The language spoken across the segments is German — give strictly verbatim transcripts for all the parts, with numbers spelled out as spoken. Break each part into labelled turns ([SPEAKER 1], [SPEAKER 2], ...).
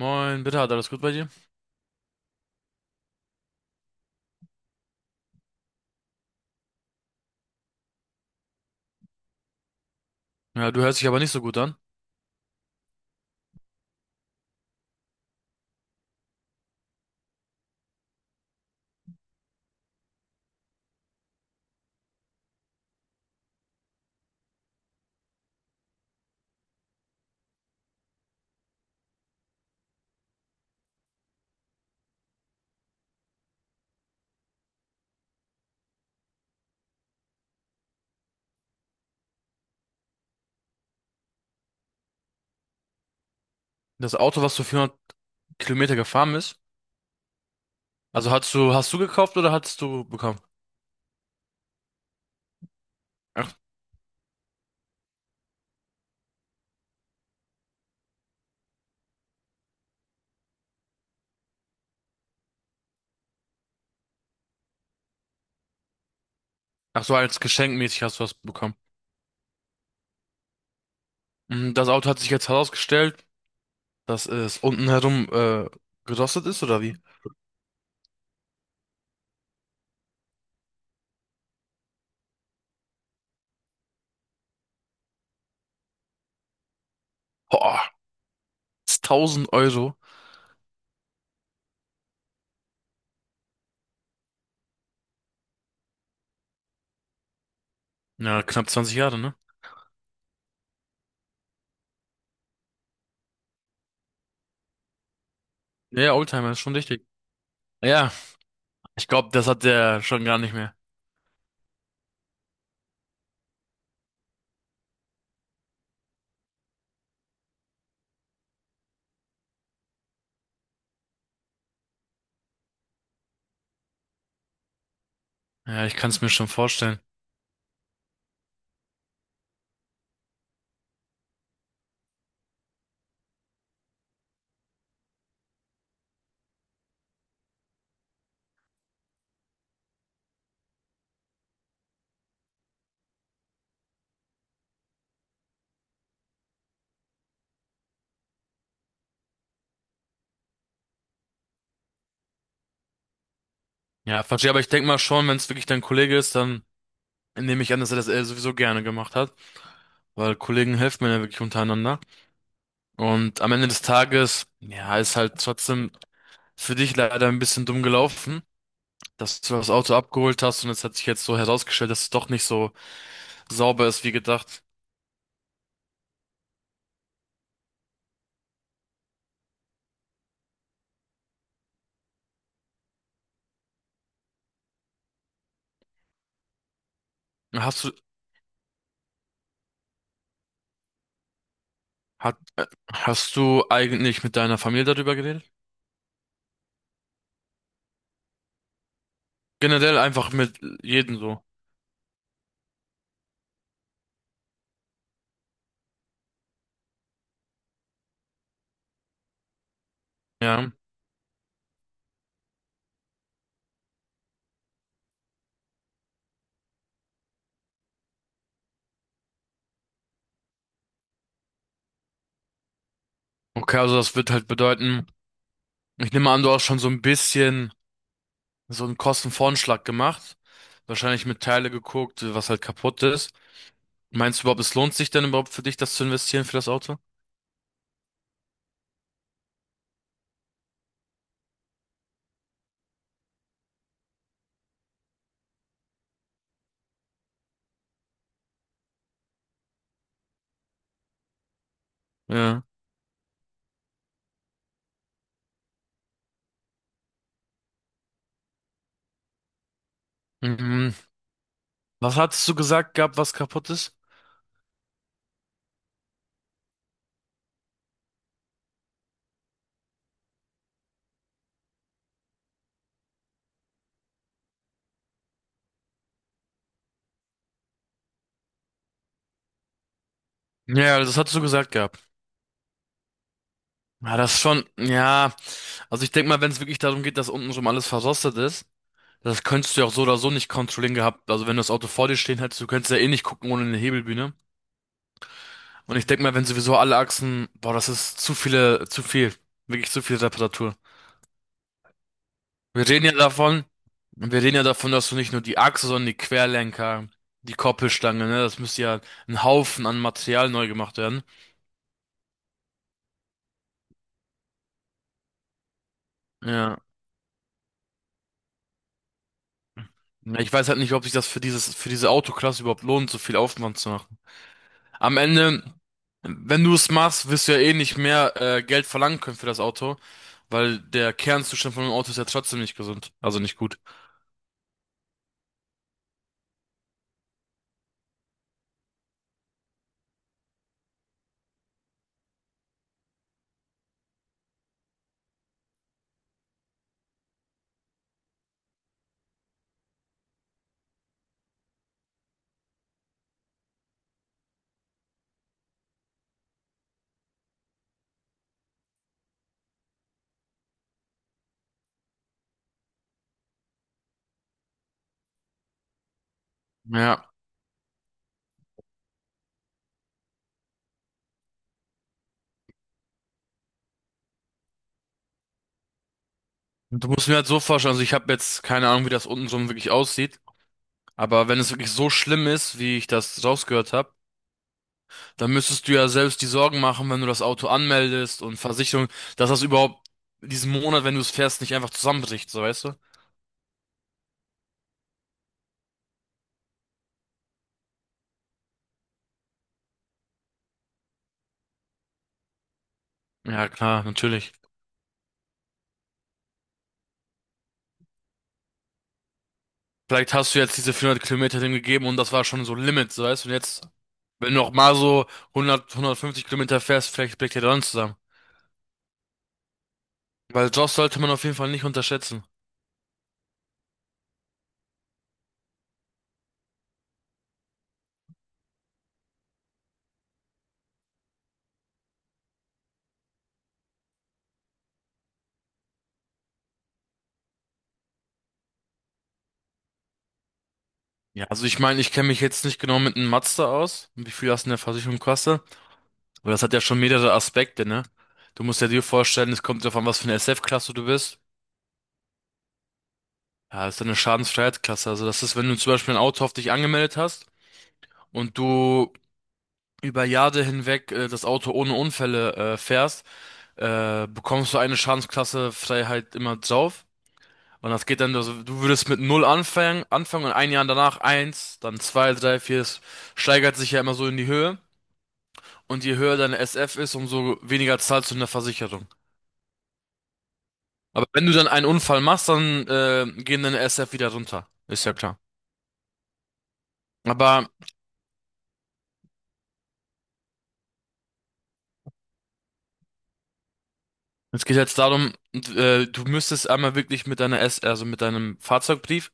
[SPEAKER 1] Moin, bitte, hat alles gut bei dir? Ja, du hörst dich aber nicht so gut an. Das Auto, was du vierhundert Kilometer gefahren bist, also hast du, hast du gekauft oder hattest du bekommen? Ach, Ach so, als geschenkmäßig hast du was bekommen. Mm. Das Auto hat sich jetzt herausgestellt, dass es unten herum äh, gerostet ist, oder wie? Boah, das ist tausend Euro. Ja, knapp zwanzig Jahre, ne? Ja, ja, Oldtimer ist schon richtig. Ja, ich glaube, das hat der schon gar nicht mehr. Ja, ich kann es mir schon vorstellen. Ja, verstehe, aber ich denke mal schon, wenn es wirklich dein Kollege ist, dann nehme ich an, dass er das äh, sowieso gerne gemacht hat, weil Kollegen helfen mir ja wirklich untereinander. Und am Ende des Tages, ja, ist halt trotzdem für dich leider ein bisschen dumm gelaufen, dass du das Auto abgeholt hast und es hat sich jetzt so herausgestellt, dass es doch nicht so sauber ist wie gedacht. Hast du, hat, äh, hast du eigentlich mit deiner Familie darüber geredet? Generell einfach mit jedem so. Ja. Okay, also das wird halt bedeuten, ich nehme an, du hast schon so ein bisschen so einen Kostenvoranschlag gemacht, wahrscheinlich mit Teile geguckt, was halt kaputt ist. Meinst du überhaupt, es lohnt sich denn überhaupt für dich, das zu investieren für das Auto? Ja. Mhm. Was hattest du gesagt gehabt, was kaputt ist? Ja, das hattest du gesagt gehabt. Ja, das ist schon, ja. Also ich denke mal, wenn es wirklich darum geht, dass unten schon alles verrostet ist, das könntest du ja auch so oder so nicht kontrollieren gehabt. Also wenn du das Auto vor dir stehen hättest, du könntest ja eh nicht gucken ohne eine Hebelbühne. Und ich denke mal, wenn sowieso alle Achsen, boah, das ist zu viele, zu viel. Wirklich zu viel Reparatur. Wir reden ja davon, wir reden ja davon, dass du nicht nur die Achse, sondern die Querlenker, die Koppelstange, ne, das müsste ja ein Haufen an Material neu gemacht werden. Ja. Ja, ich weiß halt nicht, ob sich das für dieses, für diese Autoklasse überhaupt lohnt, so viel Aufwand zu machen. Am Ende, wenn du es machst, wirst du ja eh nicht mehr äh, Geld verlangen können für das Auto, weil der Kernzustand von einem Auto ist ja trotzdem nicht gesund, also nicht gut. Ja. Und du musst mir halt so vorstellen, also ich habe jetzt keine Ahnung, wie das untenrum wirklich aussieht, aber wenn es wirklich so schlimm ist, wie ich das rausgehört habe, dann müsstest du ja selbst die Sorgen machen, wenn du das Auto anmeldest und Versicherung, dass das überhaupt diesen Monat, wenn du es fährst, nicht einfach zusammenbricht, so weißt du? Ja, klar, natürlich. Vielleicht hast du jetzt diese vierhundert Kilometer dem gegeben und das war schon so Limit, so weißt du? Und jetzt, wenn du noch mal so hundert, hundertfünfzig Kilometer fährst, vielleicht bricht der dann zusammen. Weil Josh sollte man auf jeden Fall nicht unterschätzen. Ja, also ich meine, ich kenne mich jetzt nicht genau mit einem Mazda aus, wie viel das in der Versicherung kostet, aber das hat ja schon mehrere Aspekte, ne? Du musst ja dir vorstellen, es kommt darauf an, was für eine S F-Klasse du bist. Ja, das ist eine Schadensfreiheitsklasse. Also das ist, wenn du zum Beispiel ein Auto auf dich angemeldet hast und du über Jahre hinweg äh, das Auto ohne Unfälle äh, fährst, äh, bekommst du eine Schadensklasse Freiheit immer drauf. Und das geht dann, also du würdest mit null anfangen, anfangen und ein Jahr danach eins, dann zwei, drei, vier. Es steigert sich ja immer so in die Höhe. Und je höher deine S F ist, umso weniger zahlst du in der Versicherung. Aber wenn du dann einen Unfall machst, dann äh, gehen deine S F wieder runter. Ist ja klar. Aber es geht jetzt darum, äh, du müsstest einmal wirklich mit deiner S, also mit deinem Fahrzeugbrief,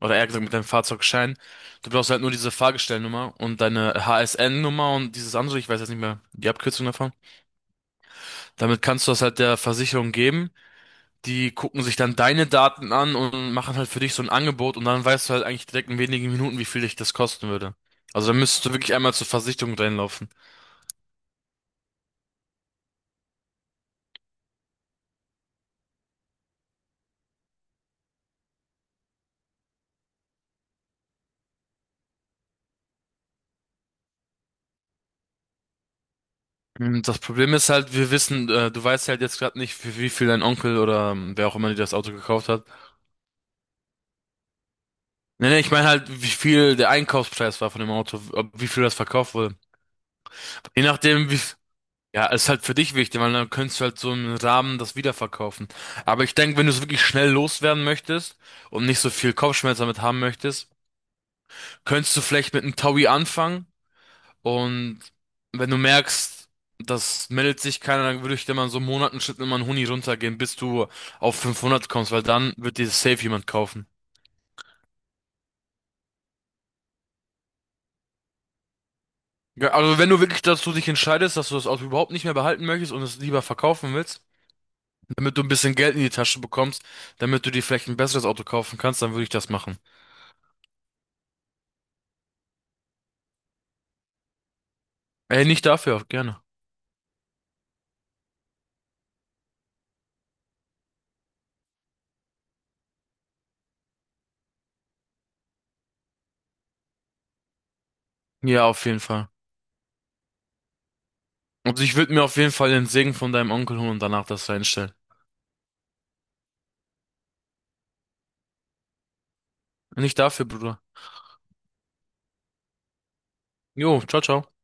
[SPEAKER 1] oder eher gesagt mit deinem Fahrzeugschein, du brauchst halt nur diese Fahrgestellnummer und deine H S N-Nummer und dieses andere, ich weiß jetzt nicht mehr die Abkürzung davon. Damit kannst du das halt der Versicherung geben. Die gucken sich dann deine Daten an und machen halt für dich so ein Angebot und dann weißt du halt eigentlich direkt in wenigen Minuten, wie viel dich das kosten würde. Also dann müsstest du wirklich einmal zur Versicherung reinlaufen. Mm, das Problem ist halt, wir wissen, äh, du weißt halt jetzt gerade nicht, für wie viel dein Onkel oder ähm, wer auch immer dir das Auto gekauft hat. Nee, nee, ich meine halt, wie viel der Einkaufspreis war von dem Auto, ob, wie viel das verkauft wurde. Je nachdem, wie, f- Ja, ist halt für dich wichtig, weil dann könntest du halt so einen Rahmen das wiederverkaufen. Aber ich denke, wenn du es wirklich schnell loswerden möchtest und nicht so viel Kopfschmerzen damit haben möchtest, könntest du vielleicht mit einem Taui anfangen. Und wenn du merkst, das meldet sich keiner, dann würde ich dir mal in so Monaten Schritt immer einen Huni runtergehen, bis du auf fünfhundert kommst, weil dann wird dir safe jemand kaufen. Ja, also wenn du wirklich dazu dich entscheidest, dass du das Auto überhaupt nicht mehr behalten möchtest und es lieber verkaufen willst, damit du ein bisschen Geld in die Tasche bekommst, damit du dir vielleicht ein besseres Auto kaufen kannst, dann würde ich das machen. Ey, nicht dafür, auch gerne. Ja, auf jeden Fall. Und ich würde mir auf jeden Fall den Segen von deinem Onkel holen und danach das reinstellen. Nicht dafür, Bruder. Jo, ciao, ciao.